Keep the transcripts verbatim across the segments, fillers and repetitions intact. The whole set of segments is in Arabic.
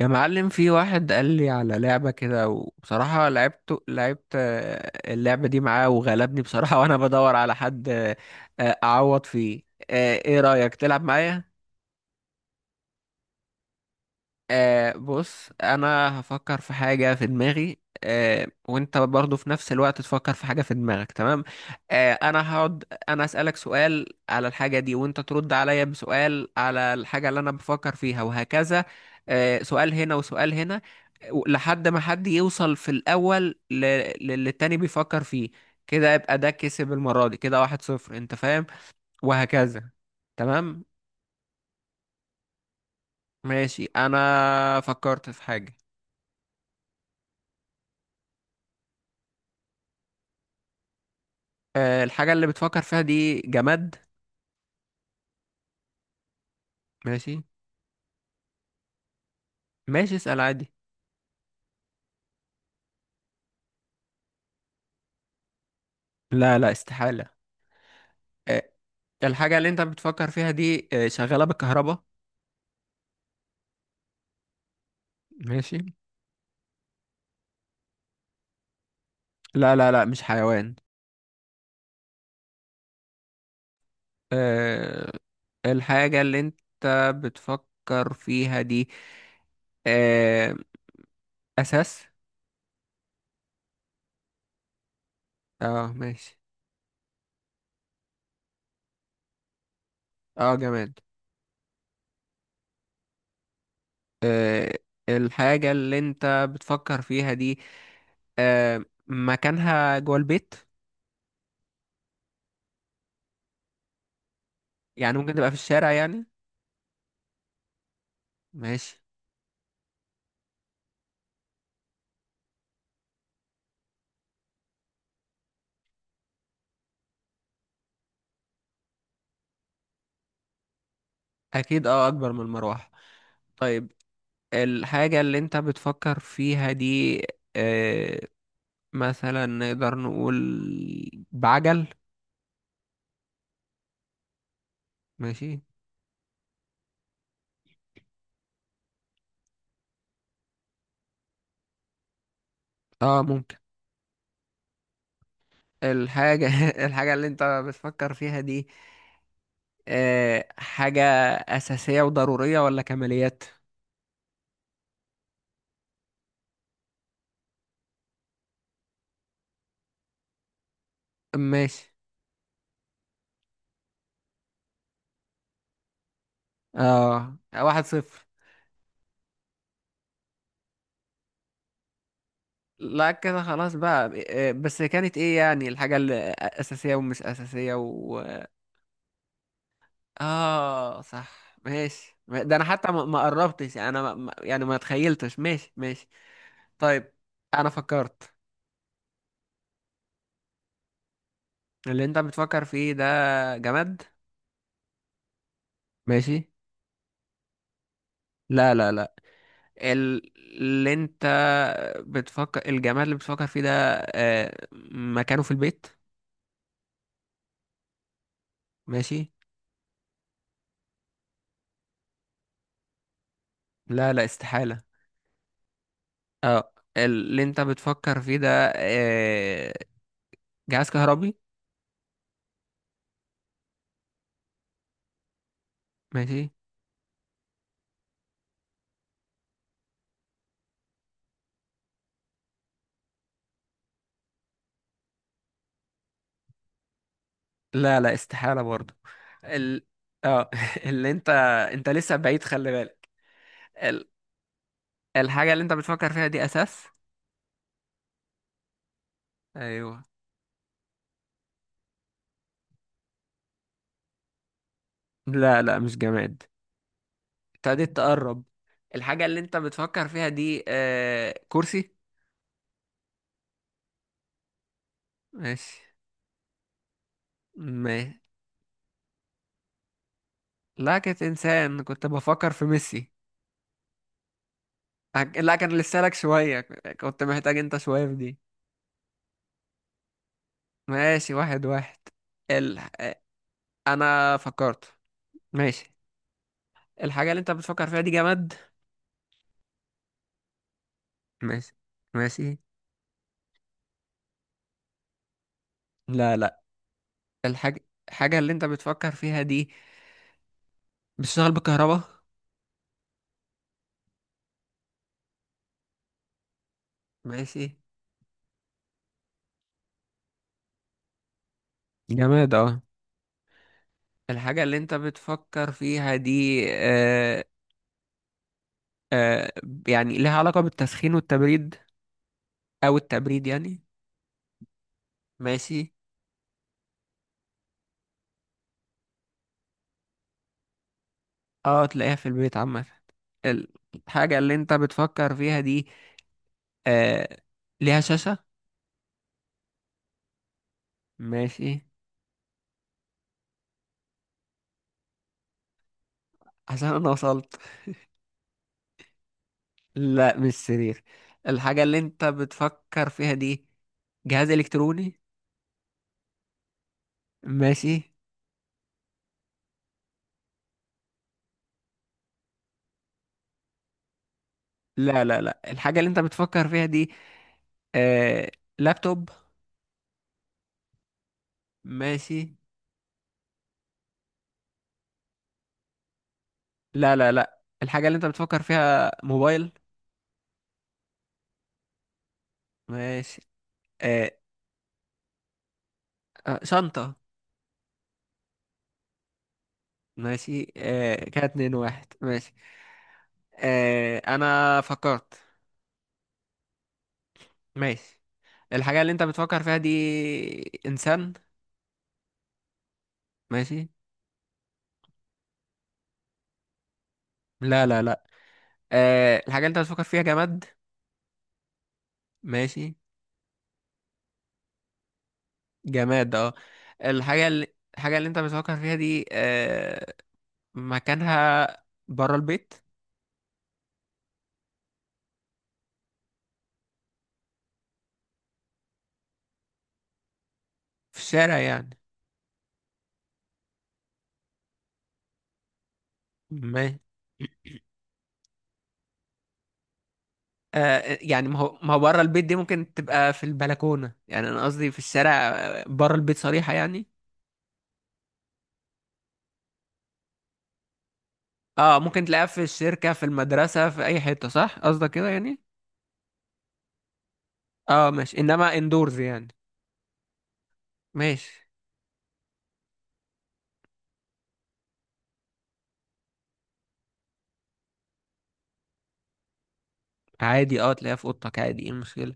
يا معلم، في واحد قال لي على لعبة كده، وبصراحة لعبت لعبت آه، اللعبة دي معاه وغلبني بصراحة وأنا بدور على حد آه، آه، أعوض فيه آه، إيه رأيك تلعب معايا؟ آه بص انا هفكر في حاجة في دماغي آه وانت برضو في نفس الوقت تفكر في حاجة في دماغك، تمام آه انا هقعد انا اسألك سؤال على الحاجة دي، وانت ترد عليا بسؤال على الحاجة اللي انا بفكر فيها، وهكذا. آه سؤال هنا وسؤال هنا، و- لحد ما حد يوصل في الاول ل- للي التاني بيفكر فيه. كده يبقى ده كسب المرة دي، كده واحد صفر، انت فاهم، وهكذا. تمام. ماشي، انا فكرت في حاجة. آه، الحاجة اللي بتفكر فيها دي جماد؟ ماشي ماشي، اسأل عادي. لا لا استحالة. آه، الحاجة اللي انت بتفكر فيها دي آه، شغالة بالكهرباء؟ ماشي. لا لا لا، مش حيوان. آه، الحاجة اللي انت بتفكر فيها دي آه، أساس؟ اه ماشي. اه جماد. آه، الحاجة اللي انت بتفكر فيها دي آه، مكانها جوه البيت؟ يعني ممكن تبقى في الشارع يعني؟ ماشي. اكيد اه اكبر من المروحة. طيب الحاجة اللي انت بتفكر فيها دي آه مثلا نقدر نقول بعجل؟ ماشي. اه ممكن. الحاجة الحاجة اللي انت بتفكر فيها دي آه حاجة أساسية وضرورية ولا كماليات؟ ماشي. اه واحد صفر. لا كده خلاص بقى، آه، بس كانت ايه يعني الحاجة اللي أساسية ومش أساسية؟ اه صح ماشي، ده انا حتى ما ما قربتش، انا ما ما- يعني ما تخيلتش. ماشي ماشي. طيب انا فكرت. اللي انت بتفكر فيه ده جماد. ماشي. لا لا لا. ال- اللي انت بتفكر الجماد اللي بتفكر فيه ده آه، مكانه في البيت؟ ماشي. لا لا استحالة. اه اللي انت بتفكر فيه ده آه، جهاز كهربي؟ ماشي. لا لا استحالة برضو. ال... اه اللي انت انت لسه بعيد خلي بالك. ال... الحاجة اللي انت بتفكر فيها دي اساس؟ ايوه. لا لا مش جماد. ابتديت تقرب. الحاجة اللي انت بتفكر فيها دي آه... كرسي؟ ماشي. ما لا، كنت انسان، كنت بفكر في ميسي. هك- لا، كان لسه لك شوية، كنت محتاج انت شوية في دي. ماشي، واحد واحد. ال... آه، انا فكرت. ماشي. الحاجة اللي انت بتفكر فيها دي جماد. ماشي ماشي. لا لا. الحاجة الحاجة اللي انت بتفكر فيها دي بتشتغل بالكهرباء؟ ماشي. جماد اه. الحاجة اللي انت بتفكر فيها دي آه آه يعني لها علاقة بالتسخين والتبريد، او التبريد يعني؟ ماشي. اه تلاقيها في البيت عامة. ال- الحاجة اللي انت بتفكر فيها دي آه ليها شاشة؟ ماشي. عشان انا وصلت. لا مش سرير. الحاجة اللي انت بتفكر فيها دي جهاز الكتروني. ماشي. لا لا لا، الحاجة اللي انت بتفكر فيها دي آه... لابتوب؟ ماشي. لا لا لا، الحاجة اللي انت بتفكر فيها موبايل. ماشي. آه... آه، شنطة. ماشي. آه... كده اتنين واحد. ماشي. آه... انا فكرت. ماشي. الحاجة اللي انت بتفكر فيها دي انسان؟ ماشي. لا لا لا. آه... الحاجة اللي انت بتفكر فيها جماد. ماشي. جماد اه. الحاجة اللي الحاجة اللي انت بتفكر فيها دي آه، مكانها بره البيت؟ في الشارع يعني؟ ما آه، يعني ما هو ما هو بره البيت دي ممكن تبقى في البلكونة، يعني انا قصدي في الشارع، آه، بره البيت صريحة يعني. اه ممكن تلاقيها في الشركة، في المدرسة، في اي حتة، صح؟ قصدك كده يعني. اه ماشي، انما اندورز يعني. ماشي. عادي اه تلاقيها في اوضتك عادي، ايه المشكلة؟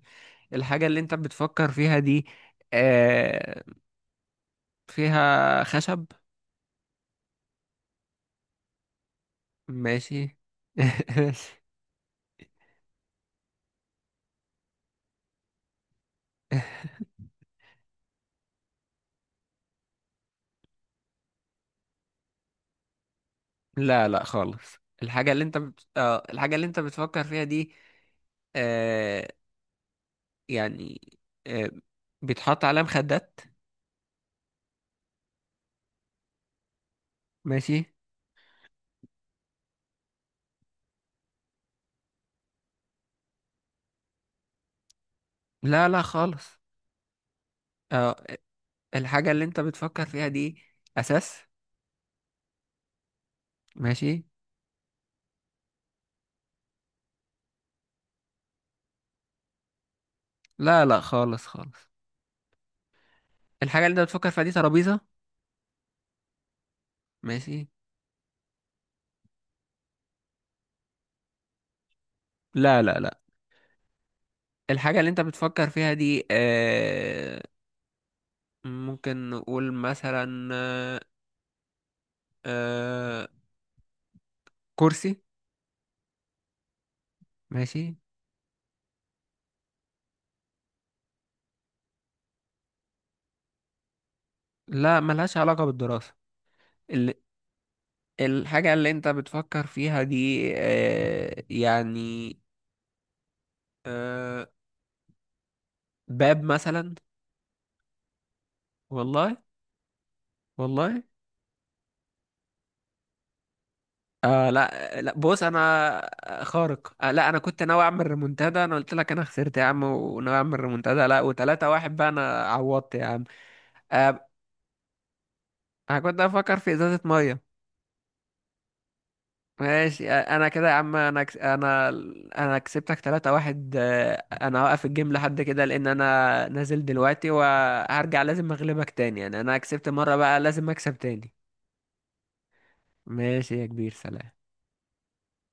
الحاجة اللي انت بتفكر فيها دي آه فيها خشب؟ ماشي. ماشي. لا لا خالص. الحاجة اللي انت بت... آه الحاجة اللي انت بتفكر فيها دي آه يعني آه بيتحط عليها مخدات؟ ماشي. لا لا خالص. آه الحاجة اللي انت بتفكر فيها دي أساس. ماشي. لا لا خالص خالص. الحاجة اللي انت بتفكر فيها دي ترابيزة؟ ماشي. لا لا لا، الحاجة اللي انت بتفكر فيها دي آه ممكن نقول مثلا آه آه، كرسي؟ ماشي. لا ملهاش علاقة بالدراسة. ال- الحاجة اللي انت بتفكر فيها دي آه يعني آه باب مثلا؟ والله والله. آه لا، آه، لا بص انا آه، خارق. آه لا، انا كنت ناوي اعمل ريمونتادا. انا قلت لك انا خسرت يا عم، وناوي اعمل ريمونتادا. لا، وتلاتة واحد بقى، انا عوضت يا عم. آه انا كنت افكر في ازازة مية. ماشي انا كده يا عم. انا كس... انا انا كسبتك تلاتة واحد. آه، انا هوقف الجيم لحد كده، لان انا نازل دلوقتي، وهرجع لازم اغلبك تاني، يعني انا كسبت مرة بقى لازم اكسب تاني. ماشي يا كبير، سلام.